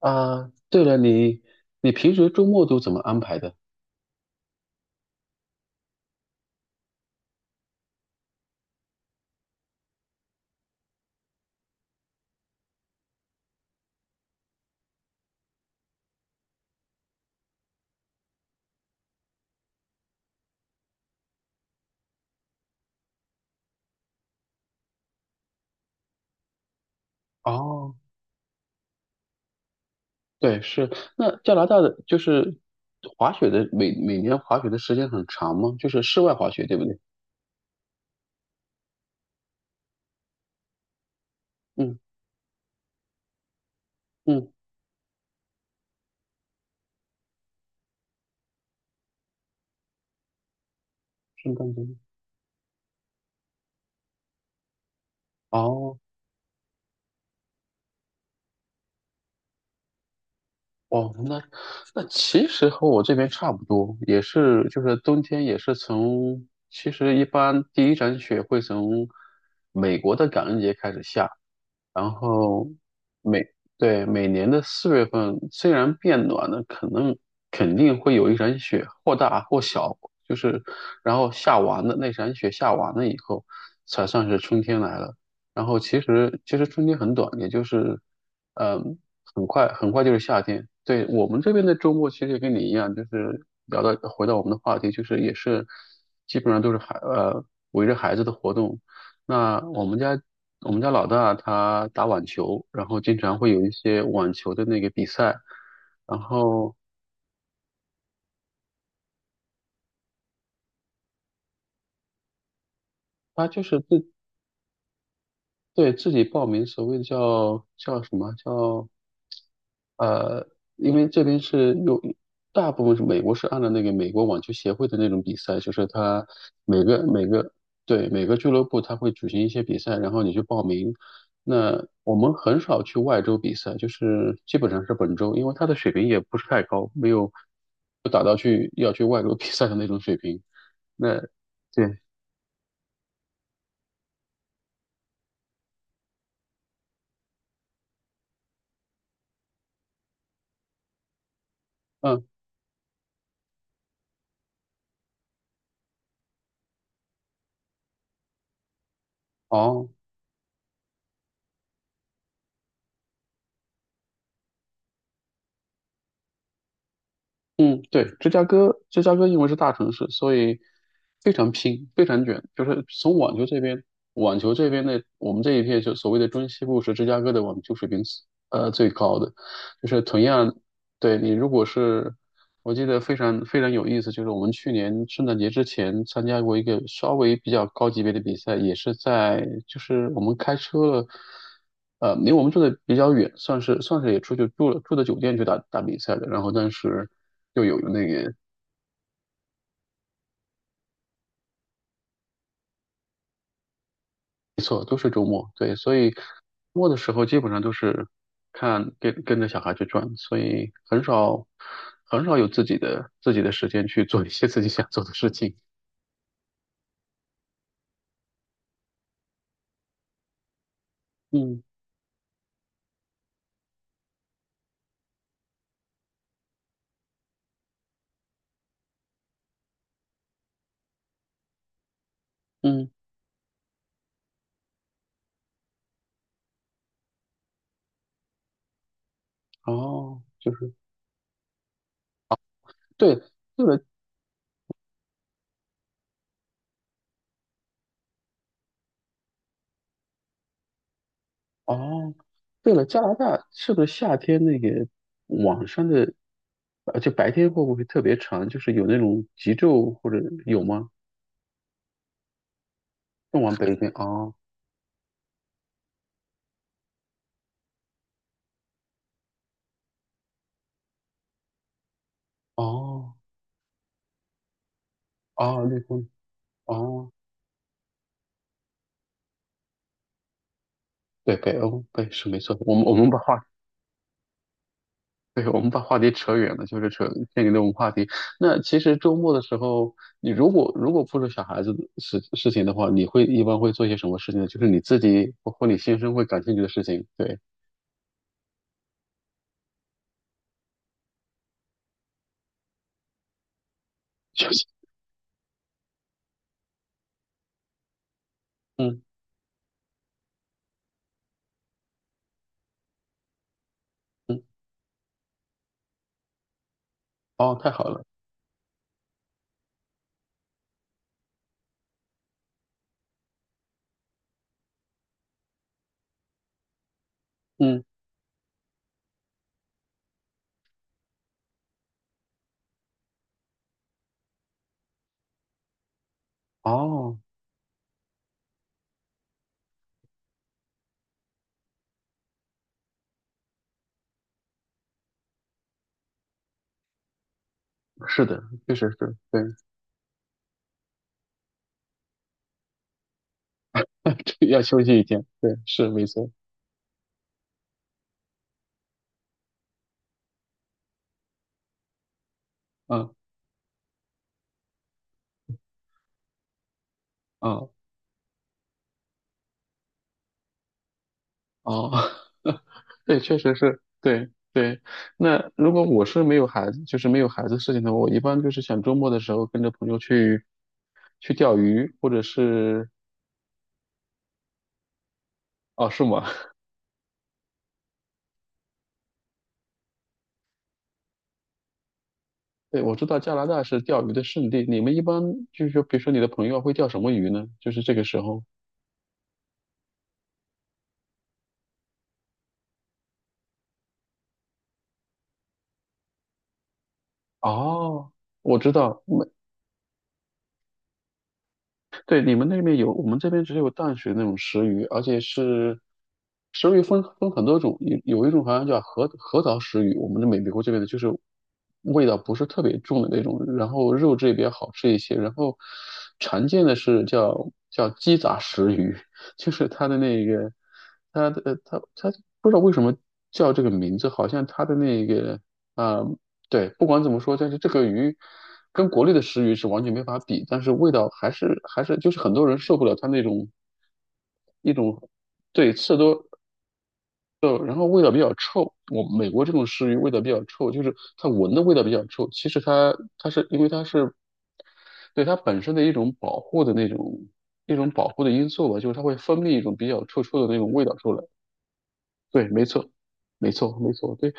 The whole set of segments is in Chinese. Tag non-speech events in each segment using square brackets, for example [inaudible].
啊，对了，你平时周末都怎么安排的？哦，对，是。那加拿大的就是滑雪的，每年滑雪的时间很长吗？就是室外滑雪，对不对？嗯。嗯，圣诞节。哦。哦,那其实和我这边差不多，也是就是冬天也是从，其实一般第一场雪会从美国的感恩节开始下，然后每对每年的四月份，虽然变暖了，可能肯定会有一场雪，或大或小，就是然后下完了那场雪下完了以后，才算是春天来了。然后其实春天很短，也就是嗯，很快就是夏天。对我们这边的周末，其实也跟你一样，就是聊到回到我们的话题，就是也是基本上都是围着孩子的活动。那我们家老大他打网球，然后经常会有一些网球的那个比赛，然后他自己报名，所谓叫叫什么叫呃，因为这边是有大部分是美国，是按照那个美国网球协会的那种比赛，就是它每个每个对每个俱乐部它会举行一些比赛，然后你去报名。那我们很少去外州比赛，就是基本上是本州，因为它的水平也不是太高，没有不达到去要去外州 [laughs] 比赛的那种水平。那对，嗯，哦。嗯，对，芝加哥因为是大城市，所以非常拼，非常卷。就是从网球这边，网球这边的我们这一片，就所谓的中西部是芝加哥的网球水平是最高的，就是同样对你如果是，我记得非常有意思，就是我们去年圣诞节之前参加过一个稍微比较高级别的比赛，也是在就是我们开车了，离我们住的比较远，算是也出去住了，住的酒店去打比赛的，然后但是又有那个，没错都是周末，对，所以周末的时候基本上都是看跟着小孩去转，所以很少有自己的时间去做一些自己想做的事情，嗯。嗯。哦，就是对，对了，哦，对了，加拿大是不是夏天那个晚上的，就白天会不会特别长？就是有那种极昼或者有吗？更往北一点啊，哦。哦。哦，绿空，哦，对，北欧，对，是没错，我们把话，对，我们把话题扯远了，就是扯偏离了我们话题。那其实周末的时候，你如果不是小孩子的事情的话，你会一般会做些什么事情呢？就是你自己或或你先生会感兴趣的事情。对，休息。嗯。嗯。哦，太好了，嗯，哦，是的，确实是，对，[laughs] 这要休息一天，对，是没错，嗯。嗯。哦。[laughs] 对，确实是，对对。那如果我是没有孩子，就是没有孩子事情的话，我一般就是想周末的时候跟着朋友去去钓鱼，或者是哦，是吗？[laughs] 对，我知道加拿大是钓鱼的圣地。你们一般就是说，比如说你的朋友会钓什么鱼呢？就是这个时候。哦，我知道，对，你们那边有，我们这边只有淡水那种石鱼，而且是石鱼分很多种，有有一种好像叫核桃石鱼，我们的美国这边的就是味道不是特别重的那种，然后肉质也比较好吃一些，然后常见的是叫鸡杂石鱼，[laughs] 就是它的那个，它的呃它它不知道为什么叫这个名字，好像它的那个。啊。对，不管怎么说，但是这个鱼跟国内的食鱼是完全没法比，但是味道还是就是很多人受不了它那种一种对刺多肉，然后味道比较臭。我美国这种食鱼味道比较臭，就是它闻的味道比较臭。其实它是因为它是对它本身的一种保护的那种一种保护的因素吧，就是它会分泌一种比较臭臭的那种味道出来。对，没错，没错，没错，对，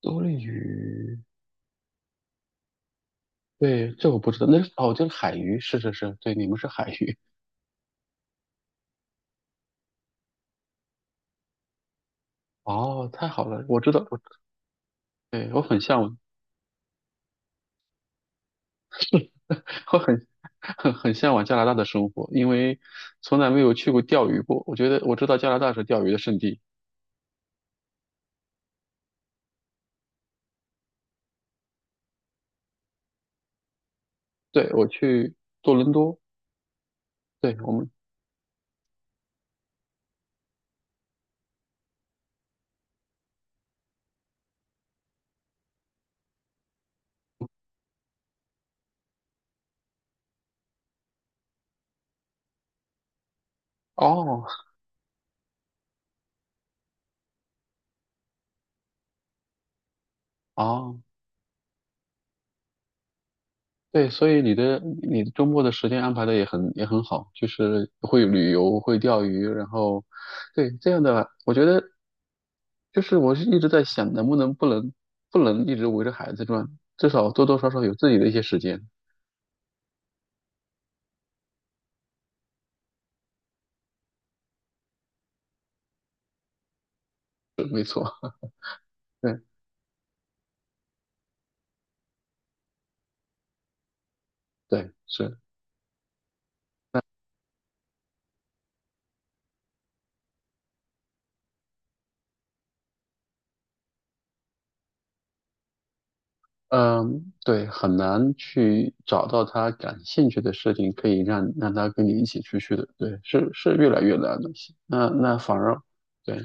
多利鱼。对，这我不知道，那是哦，就是海鱼，是是是，对，你们是海鱼，哦，太好了，我知道，我对我很向往，[laughs] 我很很向往加拿大的生活，因为从来没有去过钓鱼过，我觉得我知道加拿大是钓鱼的圣地，对，我去多伦多，对我们，哦。哦。对，所以你的周末的时间安排的也很好，就是会旅游，会钓鱼，然后对这样的，我觉得就是我是一直在想，能不能一直围着孩子转，至少多多少少有自己的一些时间。对，对是，嗯，对，很难去找到他感兴趣的事情，可以让他跟你一起出去的。对，是是越来越难了。那那反而，对，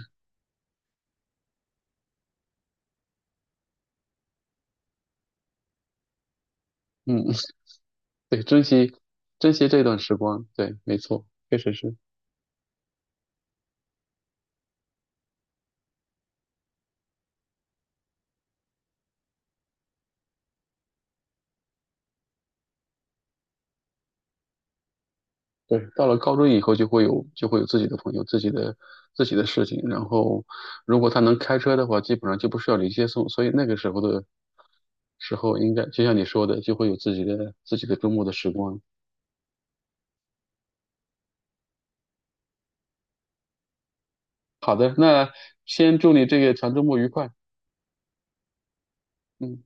嗯，[laughs] 对，珍惜这段时光。对，没错，确实是。对，到了高中以后就会有自己的朋友、自己的自己的事情，然后如果他能开车的话，基本上就不需要你接送，所以那个时候应该就像你说的，就会有自己的自己的周末的时光。好的，那先祝你这个长周末愉快。嗯。